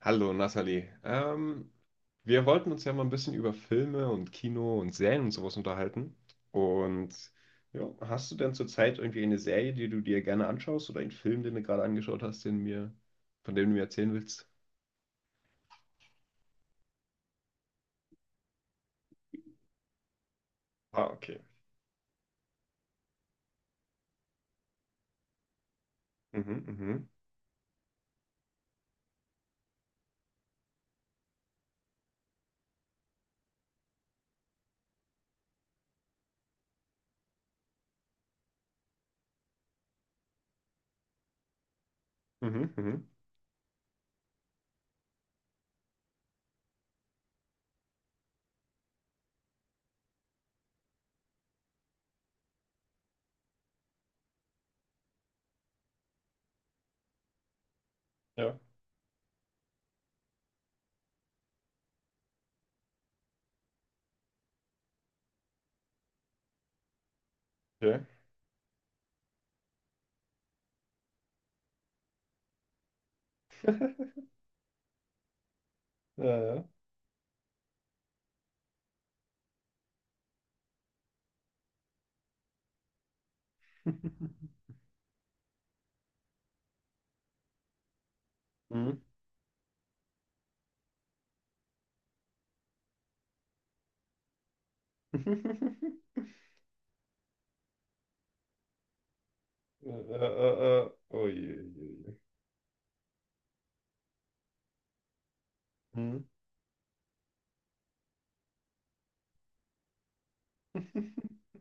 Hallo Nathalie. Wir wollten uns ja mal ein bisschen über Filme und Kino und Serien und sowas unterhalten. Und ja, hast du denn zurzeit irgendwie eine Serie, die du dir gerne anschaust oder einen Film, den du gerade angeschaut hast, von dem du mir erzählen willst? Ah, okay. Mhm, mhm, mhm, mhm. Ja, okay. Ja, ja. Mhm. Oh je, je, je. Mhm.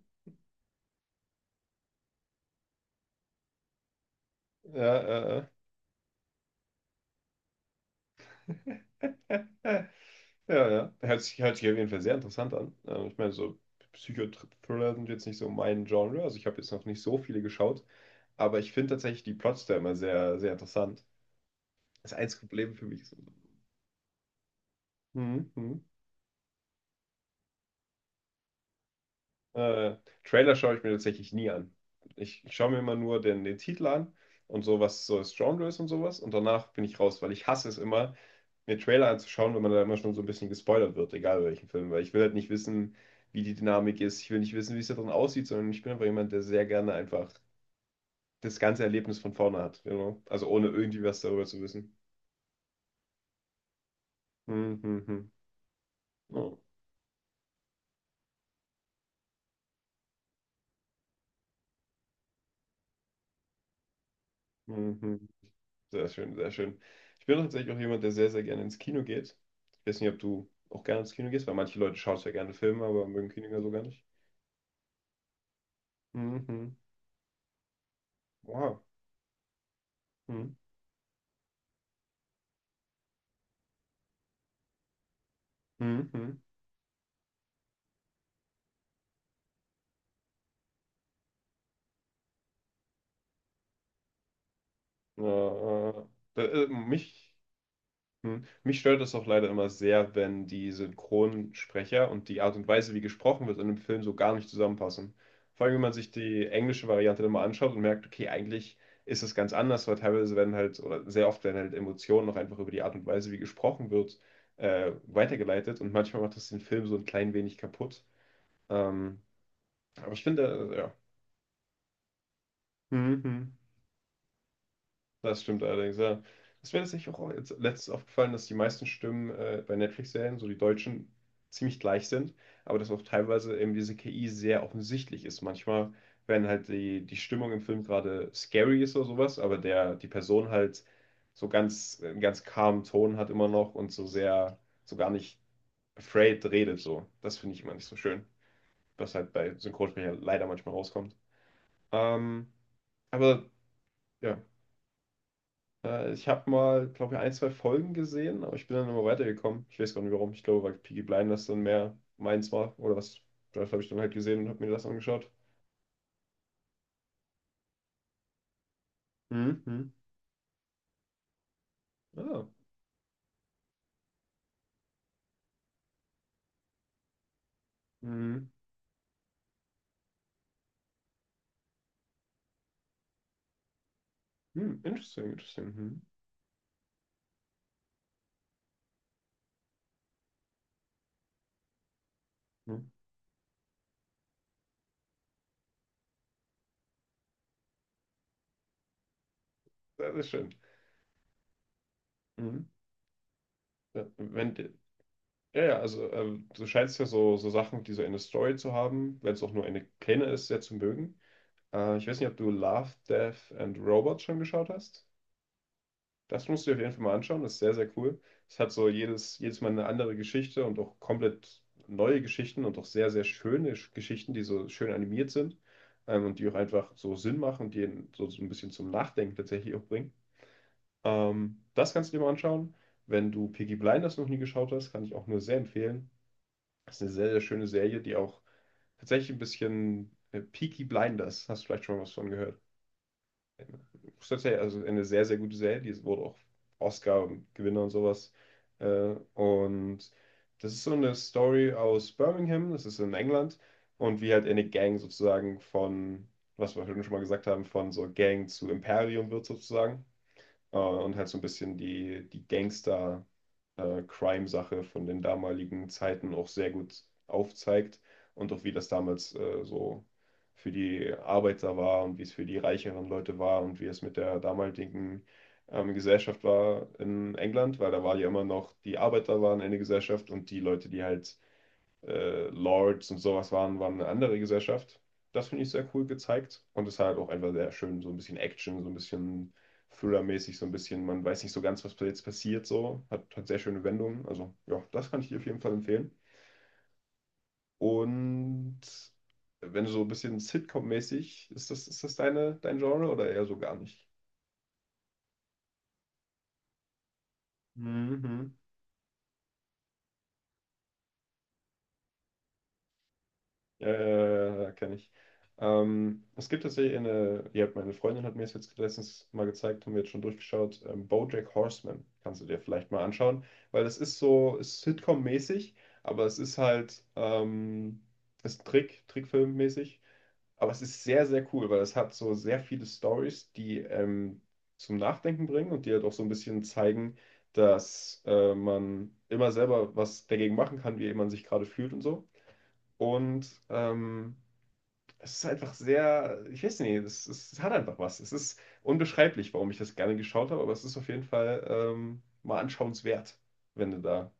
Ja, äh, äh. Ja, ja. Hört sich auf jeden Fall sehr interessant an. Ich meine, so Psychothriller sind jetzt nicht so mein Genre. Also ich habe jetzt noch nicht so viele geschaut. Aber ich finde tatsächlich die Plots da immer sehr, sehr interessant. Das einzige Problem für mich ist. Mhm, mhm. Äh, Trailer schaue ich mir tatsächlich nie an. Ich schaue mir immer nur den Titel an und so, was so das Genre ist und sowas. Und danach bin ich raus, weil ich hasse es immer, mir Trailer anzuschauen, wenn man da immer schon so ein bisschen gespoilert wird, egal welchen Film, weil ich will halt nicht wissen, wie die Dynamik ist. Ich will nicht wissen, wie es da drin aussieht, sondern ich bin einfach jemand, der sehr gerne einfach das ganze Erlebnis von vorne hat. You Also ohne irgendwie was darüber zu wissen. Hm, hm, hm. Oh, hm, hm. Sehr schön, sehr schön. Ich bin tatsächlich auch jemand, der sehr, sehr gerne ins Kino geht. Ich weiß nicht, ob du auch gerne ins Kino gehst, weil manche Leute schauen zwar gerne Filme, aber mögen Kino ja so gar nicht. Hm, hm. Wow. Hm, hm, hm. Äh, mich. Hm. Mich stört das auch leider immer sehr, wenn die Synchronsprecher und die Art und Weise, wie gesprochen wird in einem Film, so gar nicht zusammenpassen. Vor allem, wenn man sich die englische Variante dann mal anschaut und merkt, okay, eigentlich ist es ganz anders, weil teilweise werden halt, oder sehr oft werden halt Emotionen noch einfach über die Art und Weise, wie gesprochen wird, weitergeleitet und manchmal macht das den Film so ein klein wenig kaputt. Ähm, aber ich finde, ja. Mhm. Das stimmt allerdings, ja. Ist mir tatsächlich auch jetzt letztens aufgefallen, dass die meisten Stimmen bei Netflix-Serien, so die deutschen, ziemlich gleich sind, aber dass auch teilweise eben diese KI sehr offensichtlich ist. Manchmal, wenn halt die Stimmung im Film gerade scary ist oder sowas, aber die Person halt so ganz, einen ganz calmen Ton hat immer noch und so sehr, so gar nicht afraid redet, so. Das finde ich immer nicht so schön, was halt bei Synchronsprecher leider manchmal rauskommt. Ähm, aber ja. Ich habe mal, glaube ich, ein, zwei Folgen gesehen, aber ich bin dann immer weitergekommen. Ich weiß gar nicht warum. Ich glaube, weil Peaky Blinders dann mehr meins war oder was. Das habe ich dann halt gesehen und habe mir das angeschaut. Mhm. Mhm. Ah. Mhm. Mhm. Interesting, interesting. Mhm. Mhm. Sehr, sehr schön. Mhm. Ja, wenn, die- ja, ja, also du scheinst ja so, so Sachen, die so eine Story zu haben, wenn es auch nur eine kleine ist, sehr zu mögen. Ich weiß nicht, ob du Love, Death and Robots schon geschaut hast. Das musst du dir auf jeden Fall mal anschauen, das ist sehr, sehr cool. Es hat so jedes Mal eine andere Geschichte und auch komplett neue Geschichten und auch sehr, sehr schöne Geschichten, die so schön animiert sind und die auch einfach so Sinn machen und die einen so, so ein bisschen zum Nachdenken tatsächlich auch bringen. Das kannst du dir mal anschauen. Wenn du Peaky Blinders noch nie geschaut hast, kann ich auch nur sehr empfehlen. Das ist eine sehr, sehr schöne Serie, die auch tatsächlich ein bisschen Peaky Blinders, hast du vielleicht schon mal was von gehört, tatsächlich also eine sehr, sehr gute Serie. Die wurde auch Oscar-Gewinner und sowas. Und das ist so eine Story aus Birmingham, das ist in England. Und wie halt eine Gang sozusagen von, was wir schon mal gesagt haben, von so Gang zu Imperium wird sozusagen. Und halt so ein bisschen die Crime-Sache von den damaligen Zeiten auch sehr gut aufzeigt und auch wie das damals so für die Arbeiter war und wie es für die reicheren Leute war und wie es mit der damaligen Gesellschaft war in England, weil da war ja immer noch, die Arbeiter waren eine Gesellschaft und die Leute, die halt Lords und sowas waren, waren eine andere Gesellschaft. Das finde ich sehr cool gezeigt. Und es hat auch einfach sehr schön, so ein bisschen Action, so ein bisschen Thriller-mäßig, so ein bisschen, man weiß nicht so ganz, was jetzt passiert, so. Hat sehr schöne Wendungen. Also, ja, das kann ich dir auf jeden Fall empfehlen. Und wenn du so ein bisschen Sitcom-mäßig, ist das dein Genre oder eher so gar nicht? Mhm. Ja, ja, ja, kenne ich. Es gibt tatsächlich eine, ja, meine Freundin hat mir das jetzt letztens mal gezeigt, haben wir jetzt schon durchgeschaut, BoJack Horseman kannst du dir vielleicht mal anschauen, weil es ist so, ist Sitcom-mäßig, aber es ist halt, Trickfilm-mäßig, aber es ist sehr, sehr cool, weil es hat so sehr viele Stories, die zum Nachdenken bringen und die halt auch so ein bisschen zeigen, dass man immer selber was dagegen machen kann, wie man sich gerade fühlt und so. Und es ist einfach sehr, ich weiß nicht, es hat einfach was. Es ist unbeschreiblich, warum ich das gerne geschaut habe, aber es ist auf jeden Fall mal anschauenswert, wenn du da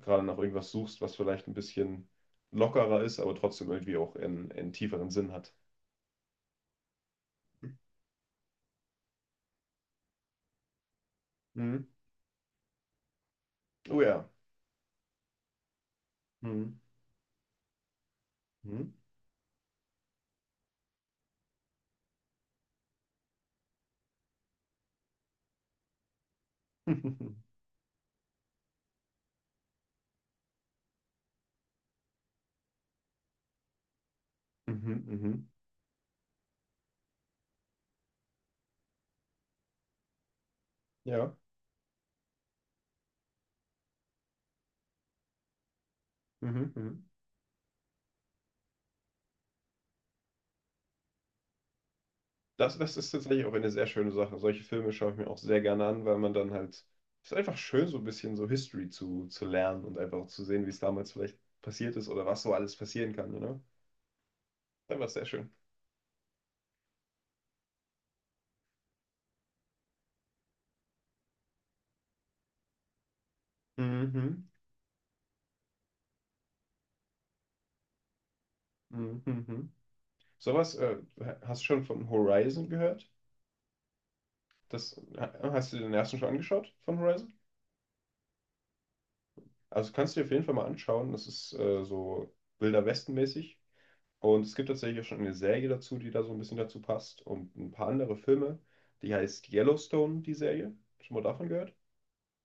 gerade nach irgendwas suchst, was vielleicht ein bisschen lockerer ist, aber trotzdem irgendwie auch einen tieferen Sinn hat. Mhm. Oh ja. Mhm. Mhm. Mhm. Mhm. Ja. Mhm. Mhm. Das ist tatsächlich auch eine sehr schöne Sache. Solche Filme schaue ich mir auch sehr gerne an, weil man dann halt, es ist einfach schön, so ein bisschen so History zu lernen und einfach auch zu sehen, wie es damals vielleicht passiert ist oder was so alles passieren kann, you know? Dann war es sehr schön. Mhm, mhm, mhm. Sowas, hast du schon von Horizon gehört? Das, hast du den ersten schon angeschaut von Horizon? Also kannst du dir auf jeden Fall mal anschauen. Das ist so Wilder Westen-mäßig. Und es gibt tatsächlich auch schon eine Serie dazu, die da so ein bisschen dazu passt und ein paar andere Filme. Die heißt Yellowstone, die Serie. Schon mal davon gehört?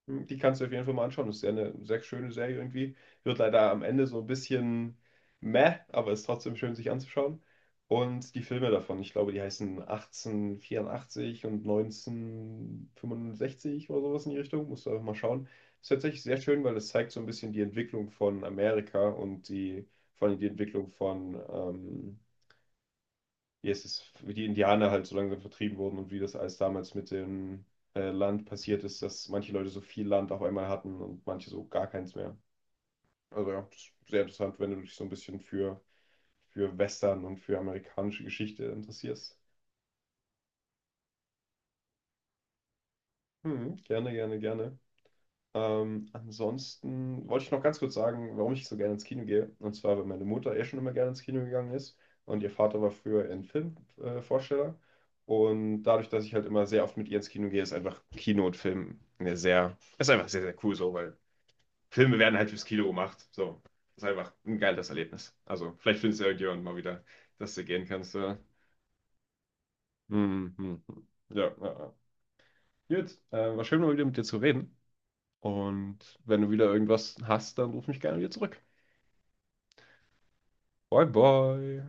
Die kannst du auf jeden Fall mal anschauen. Das ist ja eine sehr schöne Serie irgendwie. Wird leider am Ende so ein bisschen meh, aber ist trotzdem schön, sich anzuschauen. Und die Filme davon, ich glaube, die heißen 1884 und 1965 oder sowas in die Richtung. Musst du einfach mal schauen. Ist tatsächlich sehr schön, weil das zeigt so ein bisschen die Entwicklung von Amerika und die, vor allem die Entwicklung von, wie es ist, wie die Indianer halt so langsam vertrieben wurden und wie das alles damals mit dem Land passiert ist, dass manche Leute so viel Land auf einmal hatten und manche so gar keins mehr. Also ja, das ist sehr interessant, wenn du dich so ein bisschen für Western und für amerikanische Geschichte interessierst. Hm, gerne, gerne, gerne. Ansonsten wollte ich noch ganz kurz sagen, warum ich so gerne ins Kino gehe. Und zwar, weil meine Mutter eh schon immer gerne ins Kino gegangen ist und ihr Vater war früher ein Filmvorsteller. Und dadurch, dass ich halt immer sehr oft mit ihr ins Kino gehe, ist einfach Kino und Film eine sehr, ist einfach sehr, sehr cool so, weil Filme werden halt fürs Kino gemacht. So, ist einfach ein geiles Erlebnis. Also, vielleicht findest du ja irgendjemand mal wieder, dass du gehen kannst. Hm, hm, hm. Ja, ja, ja. Gut, war schön mal wieder mit dir zu reden. Und wenn du wieder irgendwas hast, dann ruf mich gerne wieder zurück. Bye, bye.